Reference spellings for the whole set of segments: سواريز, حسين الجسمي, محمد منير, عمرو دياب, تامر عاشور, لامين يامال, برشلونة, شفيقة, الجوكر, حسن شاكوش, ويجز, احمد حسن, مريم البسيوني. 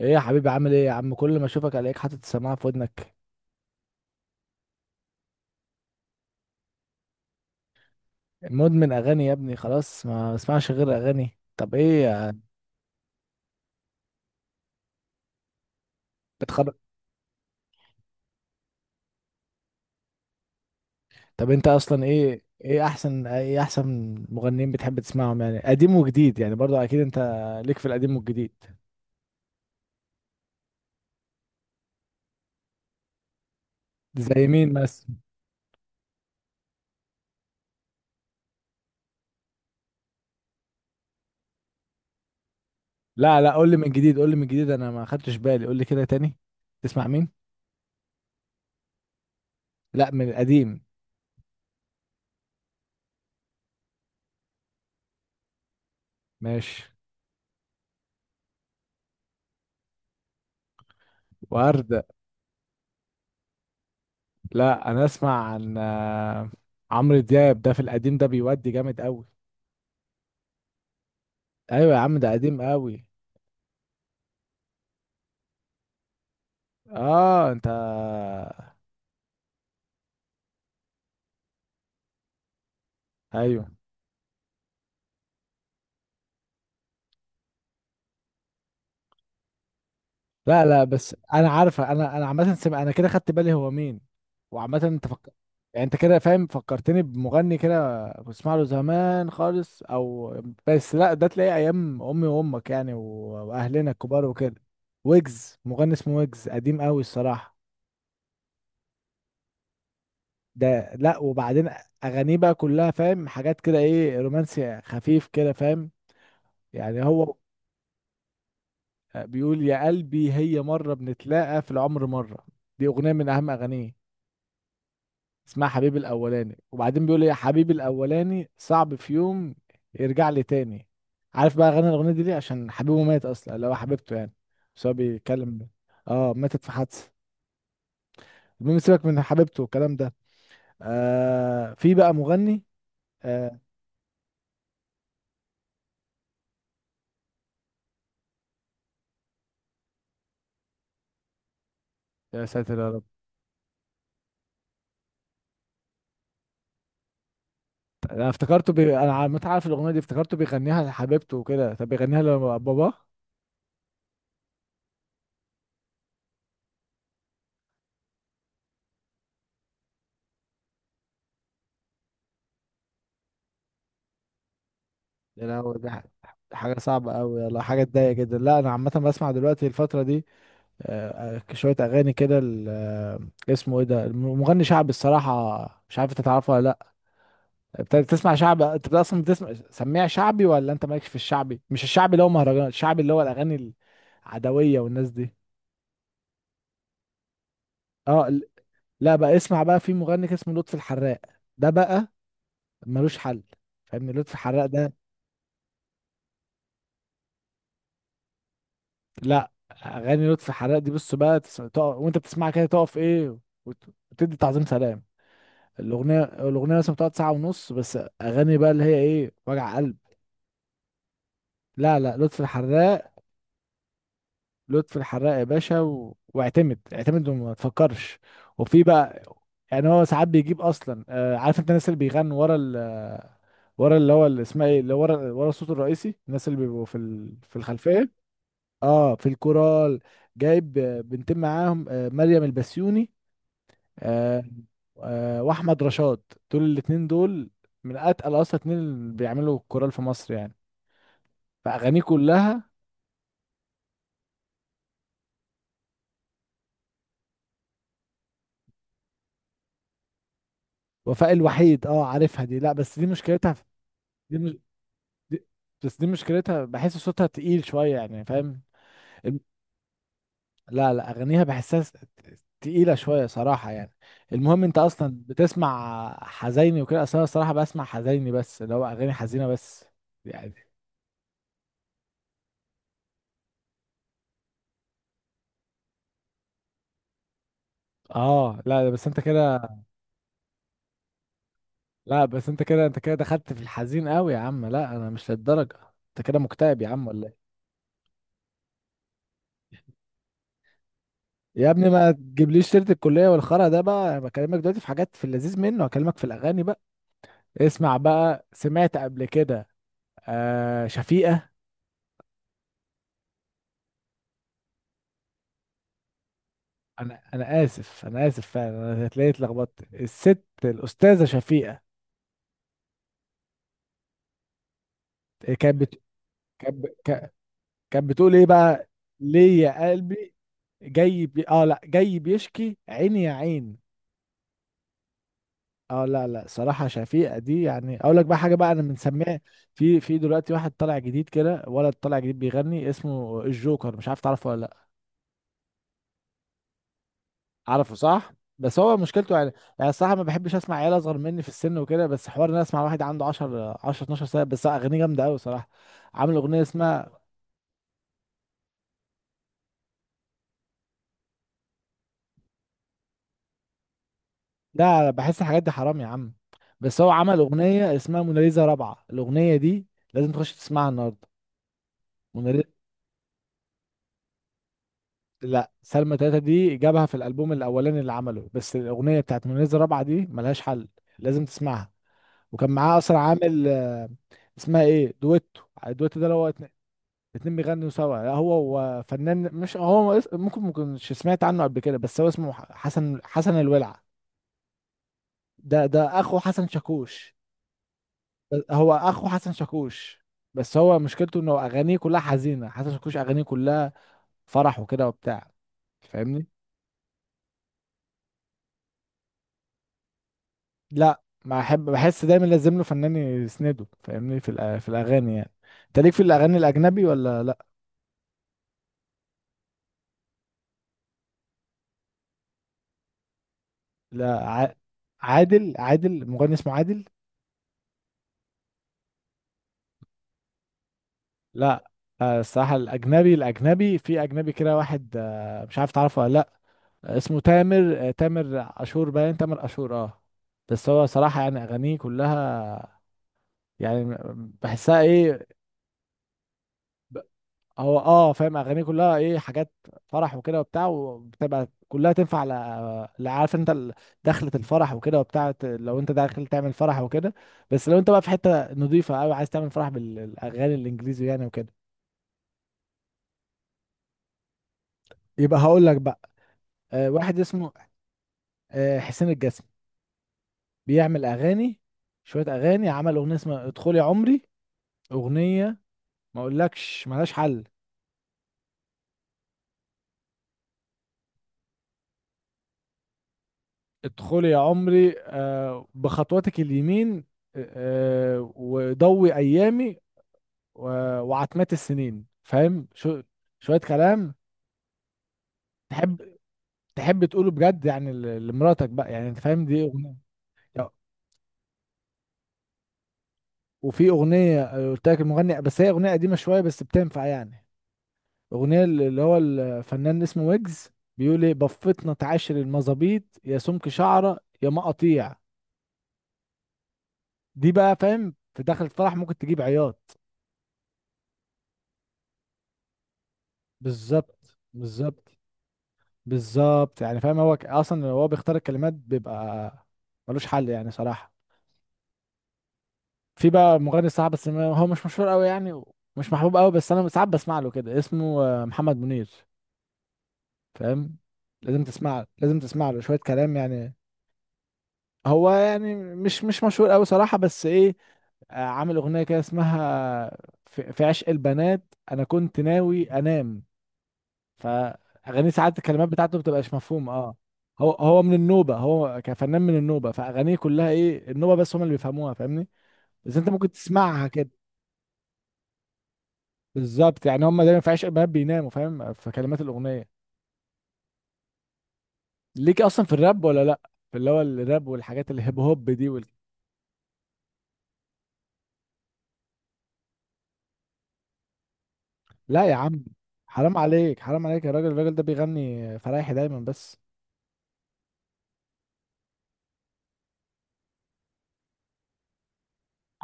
ايه يا حبيبي، عامل ايه يا عم؟ كل ما اشوفك الاقيك حاطط السماعه في ودنك. مدمن اغاني يا ابني، خلاص ما بسمعش غير اغاني. طب ايه بتخرج؟ طب انت اصلا ايه احسن مغنيين بتحب تسمعهم؟ يعني قديم وجديد، يعني برضو اكيد انت ليك في القديم والجديد. زي مين مثلا؟ لا لا، قول لي من جديد، انا ما خدتش بالي، قول لي كده تاني. تسمع مين؟ لا من القديم. ماشي. وردة. لا انا اسمع عن عمرو دياب، ده في القديم ده بيودي جامد قوي. ايوه يا عم، ده قديم قوي. اه انت. ايوه. لا لا، بس انا عارفه، انا عامه سمع انا كده خدت بالي هو مين. وعامه انت يعني انت كده فاهم. فكرتني بمغني كده بسمع له زمان خالص، او بس لا ده تلاقيه ايام امي وامك يعني واهلنا الكبار وكده. ويجز، مغني اسمه ويجز، قديم قوي الصراحه. ده لا، وبعدين اغانيه بقى كلها، فاهم، حاجات كده ايه، رومانسي خفيف كده، فاهم يعني. هو بيقول يا قلبي هي مرة بنتلاقى في العمر مرة. دي أغنية من أهم أغانيه، اسمها حبيبي الأولاني، وبعدين بيقول يا حبيبي الأولاني صعب في يوم يرجع لي تاني. عارف بقى غنى الأغنية دي ليه؟ عشان حبيبه مات أصلا، اللي هو حبيبته يعني، بس هو بيتكلم. اه، ماتت في حادثة. المهم سيبك من حبيبته والكلام ده. في بقى مغني، آه يا ساتر يا رب. انا افتكرته متعرف الاغنيه دي؟ افتكرته بيغنيها لحبيبته وكده، طب بيغنيها لباباه؟ يا لهوي، دي حاجة صعبة أوي، يلا حاجة تضايق جدا. لا أنا عامة بسمع دلوقتي الفترة دي شوية أغاني كده اسمه إيه ده، مغني شعبي الصراحة، مش عارف أنت تعرفه ولا لأ. أنت بتسمع شعب؟ أنت أصلا بتسمع سميع شعبي ولا أنت مالكش في الشعبي؟ مش الشعبي اللي هو مهرجانات، الشعبي اللي هو الأغاني، العدوية والناس دي. أه لا بقى، اسمع بقى، في مغني كده اسمه لطفي الحراق، ده بقى ملوش حل، فاهمني؟ لطفي الحراق ده، لا اغاني لطفي حلاق دي بص بقى، وانت بتسمعها كده تقف ايه، وت... وتدي تعظيم سلام. الاغنيه مثلا بتقعد ساعه ونص. بس اغاني بقى اللي هي ايه، وجع قلب. لا لا، لطفي الحراق، لطفي الحراق يا باشا، واعتمد، اعتمد وما تفكرش. وفي بقى، يعني هو ساعات بيجيب اصلا، عارف انت الناس اللي بيغنوا ورا ورا اللي هو اللي اسمها ايه، اللي ورا الصوت الرئيسي، الناس اللي بيبقوا في الخلفيه. اه في الكورال. جايب بنتين معاهم، مريم البسيوني آه، واحمد رشاد. دول الاتنين دول من اتقل اصلا اتنين اللي بيعملوا كورال في مصر يعني. فاغانيه كلها، وفاء الوحيد، اه عارفها دي. لا بس دي مشكلتها دي مش دي بس دي مشكلتها بحس صوتها تقيل شويه، يعني فاهم. الم- لا لا، اغانيها بحسها تقيله شويه صراحه يعني. المهم، انت اصلا بتسمع حزيني وكده اصلا؟ أنا الصراحه بسمع حزيني، بس اللي هو اغاني حزينه بس يعني. اه لا بس انت كده لا بس انت كده انت كده دخلت في الحزين قوي يا عم، لا انا مش للدرجه، انت كده مكتئب يا عم ولا ايه؟ يا ابني ما تجيبليش سيره الكليه والخرا ده بقى، انا بكلمك دلوقتي في حاجات في اللذيذ منه، هكلمك في الاغاني بقى. اسمع بقى، سمعت قبل كده شفيقه؟ انا اسف فعلا، انا هتلاقي اتلخبطت، الست الاستاذه شفيقه، آه، كانت بت... كانت ب- كا- كانت بتقول ايه بقى، ليه يا قلبي، اه لا، جاي بيشكي عيني يا عين. اه لا لا، صراحة شفيقة دي يعني اقول لك بقى حاجة بقى، انا بنسميها. في دلوقتي واحد طالع جديد كده، ولد طالع جديد بيغني اسمه الجوكر، مش عارف تعرفه ولا لا. عارفه صح؟ بس هو مشكلته يعني الصراحة ما بحبش اسمع عيال اصغر مني في السن وكده، بس حوار ان انا اسمع واحد عنده 10 12 سنة بس اغانيه جامدة قوي صراحة. عامل اغنية اسمها، لا بحس الحاجات دي حرام يا عم. بس هو عمل اغنية اسمها موناليزا رابعة، الاغنية دي لازم تخش تسمعها النهاردة. لا سلمى تلاتة دي جابها في الألبوم الأولاني اللي عمله، بس الأغنية بتاعت منيزة رابعة دي ملهاش حل، لازم تسمعها. وكان معاه أصلا عامل اسمها إيه، دويتو، الدويتو ده اللي هو اتنين بيغنوا سوا. لا هو وفنان، مش هو، ممكن مكنش سمعت عنه قبل كده، بس هو اسمه حسن الولع. ده أخو حسن شاكوش. هو أخو حسن شاكوش، بس هو مشكلته إنه أغانيه كلها حزينة، حسن شاكوش أغانيه كلها فرح وكده وبتاع، فاهمني؟ لا ما احب، بحس دايما لازم له فنان يسنده، فاهمني؟ في الاغاني يعني. انت ليك في الاغاني الاجنبي ولا لا؟ لا عادل مغني اسمه عادل؟ لا الصراحه الاجنبي في اجنبي كده واحد، مش عارف تعرفه ولا لا، اسمه تامر، تامر عاشور باين، تامر عاشور، اه. بس هو صراحه يعني اغانيه كلها يعني بحسها ايه، هو اه فاهم اغانيه كلها ايه حاجات فرح وكده وبتاع، وبتبقى كلها تنفع عارف انت دخلة الفرح وكده وبتاع، لو انت داخل تعمل فرح وكده. بس لو انت بقى في حتة نظيفة قوي عايز تعمل فرح بالاغاني الانجليزي يعني وكده، يبقى هقول لك بقى، واحد اسمه حسين الجسمي، بيعمل اغاني، شوية اغاني، عمل اغنية اسمها ادخل يا عمري، اغنية ما اقولكش ملهاش حل. ادخل يا عمري بخطواتك اليمين، آه، وضوي ايامي وعتمات السنين، فاهم؟ شوية كلام. تحب تحب تقوله بجد يعني لمراتك بقى يعني انت فاهم، دي اغنية. يا- وفي اغنية قلت لك المغني، بس هي اغنية قديمة شوية بس بتنفع يعني، اغنية اللي هو الفنان اسمه ويجز، بيقول ايه، بفتنا تعاشر المظابيط يا سمك شعرة يا مقاطيع. دي بقى فاهم في داخل الفرح ممكن تجيب عياط. بالظبط، بالظبط، بالظبط، يعني فاهم، هو اصلا هو بيختار الكلمات، بيبقى ملوش حل يعني صراحة. في بقى مغني صعب، بس هو مش مشهور قوي يعني، ومش محبوب قوي، بس انا ساعات بسمع له كده اسمه محمد منير، فاهم؟ لازم تسمع له شوية كلام يعني. هو يعني مش مشهور قوي صراحة، بس ايه، عامل اغنية كده اسمها في عشق البنات انا كنت ناوي انام. فاغانيه ساعات الكلمات بتاعته بتبقاش مفهومة، اه. هو من النوبة، هو كفنان من النوبة فاغانيه كلها ايه النوبة، بس هم اللي بيفهموها، فاهمني؟ بس انت ممكن تسمعها كده. بالظبط، يعني هم دايما في عشق البنات بيناموا، فاهم، في كلمات الاغنيه. ليك اصلا في الراب ولا لا؟ في اللي هو الراب والحاجات الهيب هوب دي لا يا عم، حرام عليك، حرام عليك يا راجل، الراجل ده بيغني فرايحي دايما بس.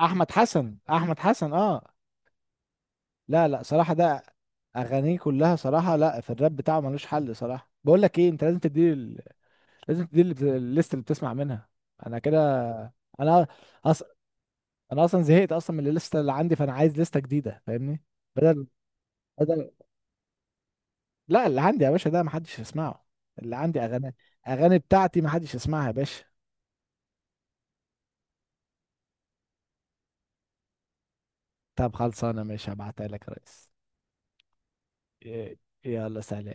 احمد حسن، احمد حسن، اه. لا لا صراحه، ده اغانيه كلها صراحه، لا في الراب بتاعه ملوش حل صراحه. بقول لك ايه، انت لازم تدي الليست اللي بتسمع منها. انا كده، انا أص... انا اصلا زهقت اصلا من الليسته اللي عندي، فانا عايز ليسته جديده، فاهمني؟ بدل بدل لا اللي عندي يا باشا ده محدش يسمعه، اللي عندي اغاني بتاعتي محدش يسمعها يا باشا. طب خلصانه، ماشي هبعتها لك يا ريس. إيه، يلا سلام.